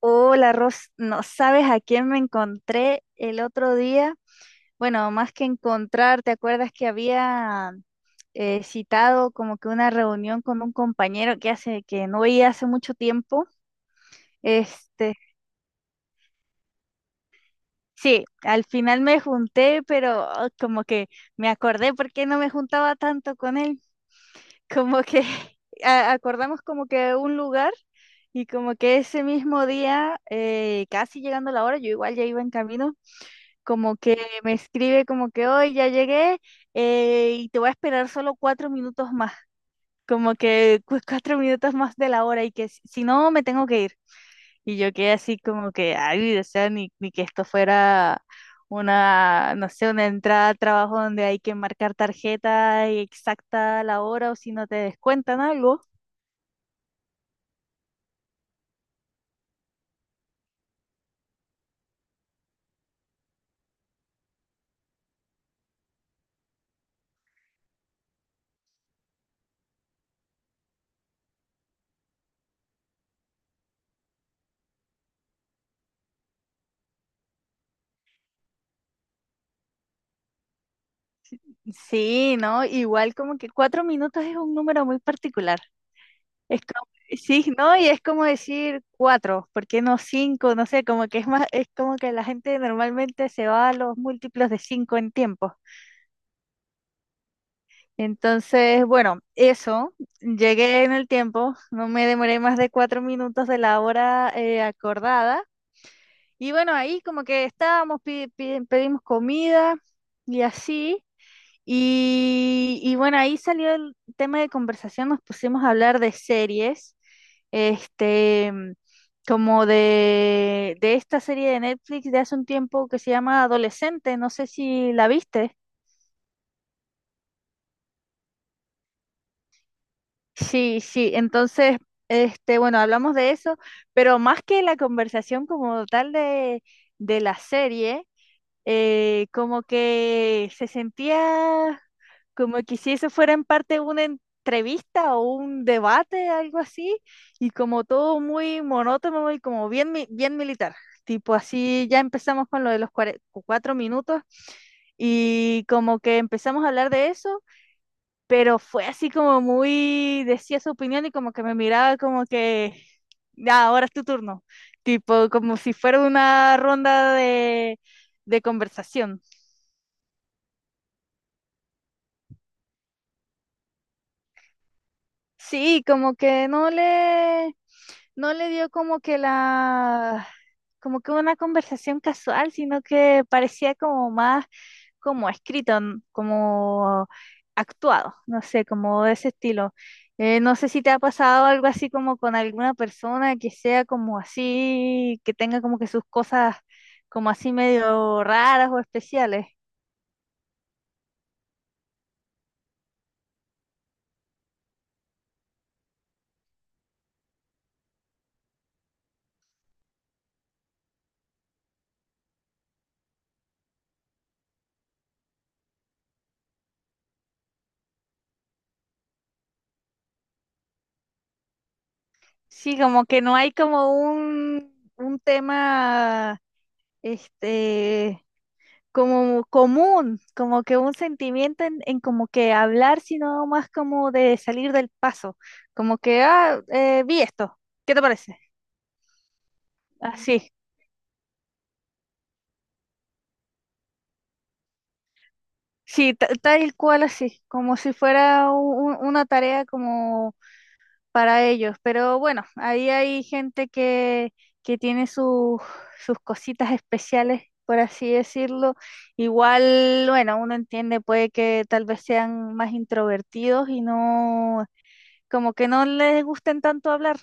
Hola, Ros, no sabes a quién me encontré el otro día. Bueno, más que encontrar, ¿te acuerdas que había citado como que una reunión con un compañero que hace que no veía hace mucho tiempo? Este, sí, al final me junté, pero como que me acordé por qué no me juntaba tanto con él. Como que acordamos como que un lugar y como que ese mismo día, casi llegando la hora, yo igual ya iba en camino como que me escribe como que hoy ya llegué, y te voy a esperar solo 4 minutos más, como que 4 minutos más de la hora y que si no me tengo que ir. Y yo quedé así como que, ay, o sea, ni que esto fuera una, no sé, una entrada a trabajo donde hay que marcar tarjeta y exacta la hora o si no te descuentan algo. Sí, ¿no? Igual como que 4 minutos es un número muy particular. Es como, sí, ¿no? Y es como decir cuatro, ¿por qué no cinco? No sé, como que es más, es como que la gente normalmente se va a los múltiplos de cinco en tiempo. Entonces, bueno, eso, llegué en el tiempo, no me demoré más de 4 minutos de la hora acordada. Y bueno, ahí como que estábamos, pedimos comida y así. Y bueno, ahí salió el tema de conversación, nos pusimos a hablar de series, este, mm, como de esta serie de Netflix de hace un tiempo que se llama Adolescente, no sé si la viste. Sí, sí, entonces, bueno, hablamos de eso, pero más que la conversación como tal de la serie, como que se sentía como que si eso fuera en parte una entrevista o un debate, algo así, y como todo muy monótono y como bien, bien militar. Tipo así, ya empezamos con lo de los 4 minutos y como que empezamos a hablar de eso, pero fue así como muy, decía su opinión y como que me miraba como que, ya, ahora es tu turno, tipo como si fuera una ronda de conversación. Sí, como que no le dio como que como que una conversación casual, sino que parecía como más como escrito, como actuado, no sé, como de ese estilo. No sé si te ha pasado algo así como con alguna persona que sea como así, que tenga como que sus cosas como así medio raras o especiales. Sí, como que no hay como un tema, este como común, como que un sentimiento en como que hablar, sino más como de salir del paso, como que, vi esto, ¿qué te parece? Así, sí, tal cual así, como si fuera una tarea como para ellos, pero bueno, ahí hay gente que tiene sus cositas especiales, por así decirlo. Igual, bueno, uno entiende, puede que tal vez sean más introvertidos y no como que no les gusten tanto hablar.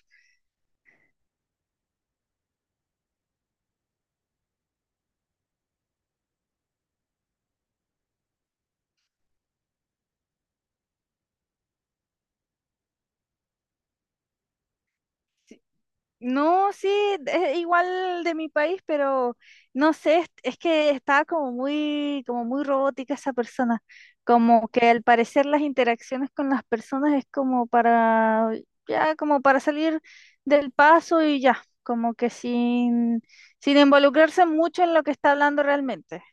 No, sí, es igual de mi país, pero no sé, es que estaba como muy robótica esa persona, como que al parecer las interacciones con las personas es como para, ya, como para salir del paso y ya, como que sin involucrarse mucho en lo que está hablando realmente.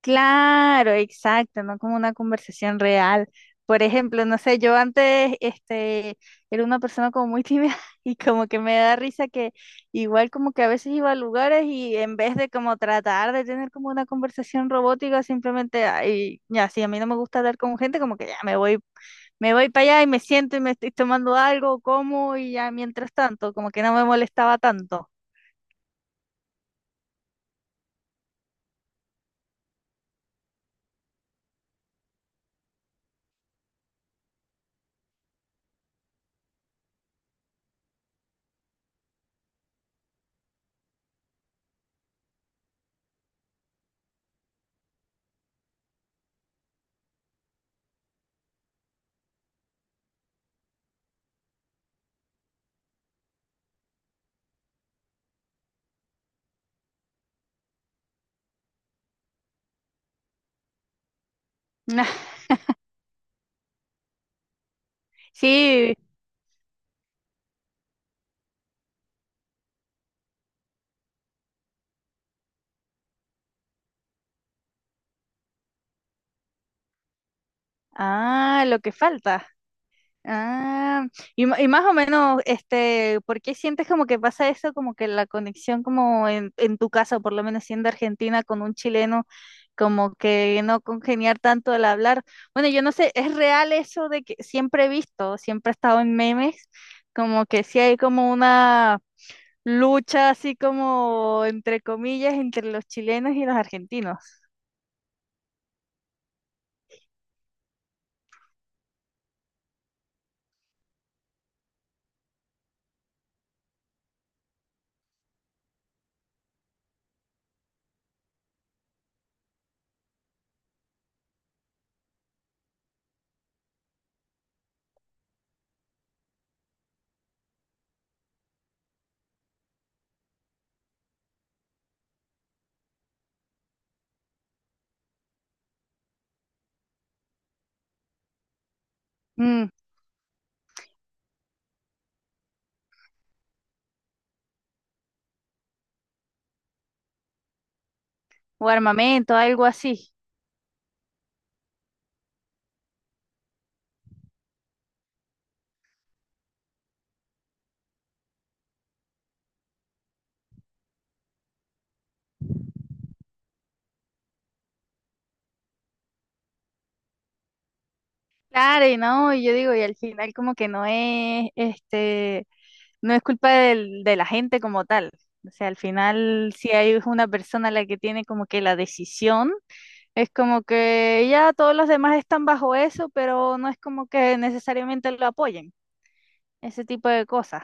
Claro, exacto, no como una conversación real. Por ejemplo, no sé, yo antes era una persona como muy tímida y como que me da risa que igual como que a veces iba a lugares y en vez de como tratar de tener como una conversación robótica, simplemente, ay, ya, si a mí no me gusta hablar con gente, como que ya me voy para allá y me siento y me estoy tomando algo, como y ya mientras tanto, como que no me molestaba tanto. Sí, ah, lo que falta. Ah, y, y más o menos, ¿por qué sientes como que pasa eso? Como que la conexión como en tu caso, por lo menos siendo argentina con un chileno, como que no congeniar tanto al hablar. Bueno, yo no sé, ¿es real eso de que siempre he visto, siempre he estado en memes, como que sí hay como una lucha así como entre comillas entre los chilenos y los argentinos? Mm, o armamento, algo así. Claro, y no, y yo digo, y al final como que no es, no es culpa de la gente como tal. O sea, al final si hay una persona la que tiene como que la decisión, es como que ya todos los demás están bajo eso, pero no es como que necesariamente lo apoyen, ese tipo de cosas.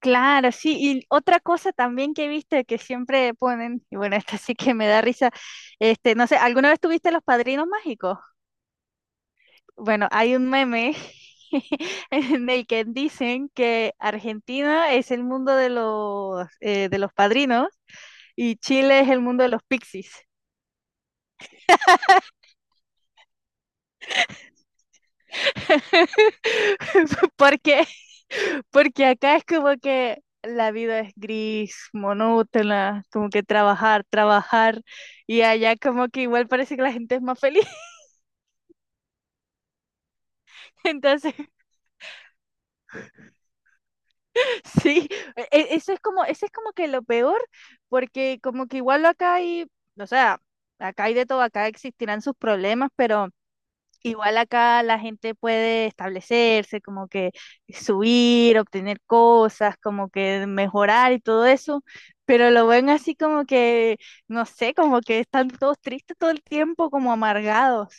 Claro, sí, y otra cosa también que viste que siempre ponen, y bueno, esta sí que me da risa, no sé, ¿alguna vez tuviste los padrinos mágicos? Bueno, hay un meme en el que dicen que Argentina es el mundo de los padrinos y Chile es el mundo de los pixies. Porque, porque acá es como que la vida es gris, monótona, como que trabajar, trabajar, y allá como que igual parece que la gente es más feliz. Entonces, sí, eso es como que lo peor, porque como que igual acá hay, o sea, acá hay de todo, acá existirán sus problemas, pero igual acá la gente puede establecerse, como que subir, obtener cosas, como que mejorar y todo eso, pero lo ven así como que, no sé, como que están todos tristes todo el tiempo, como amargados.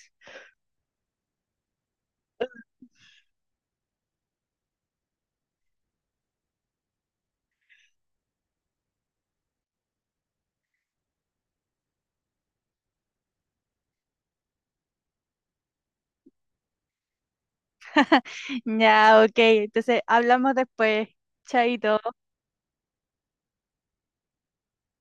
Ya, ok, entonces hablamos después, chaito.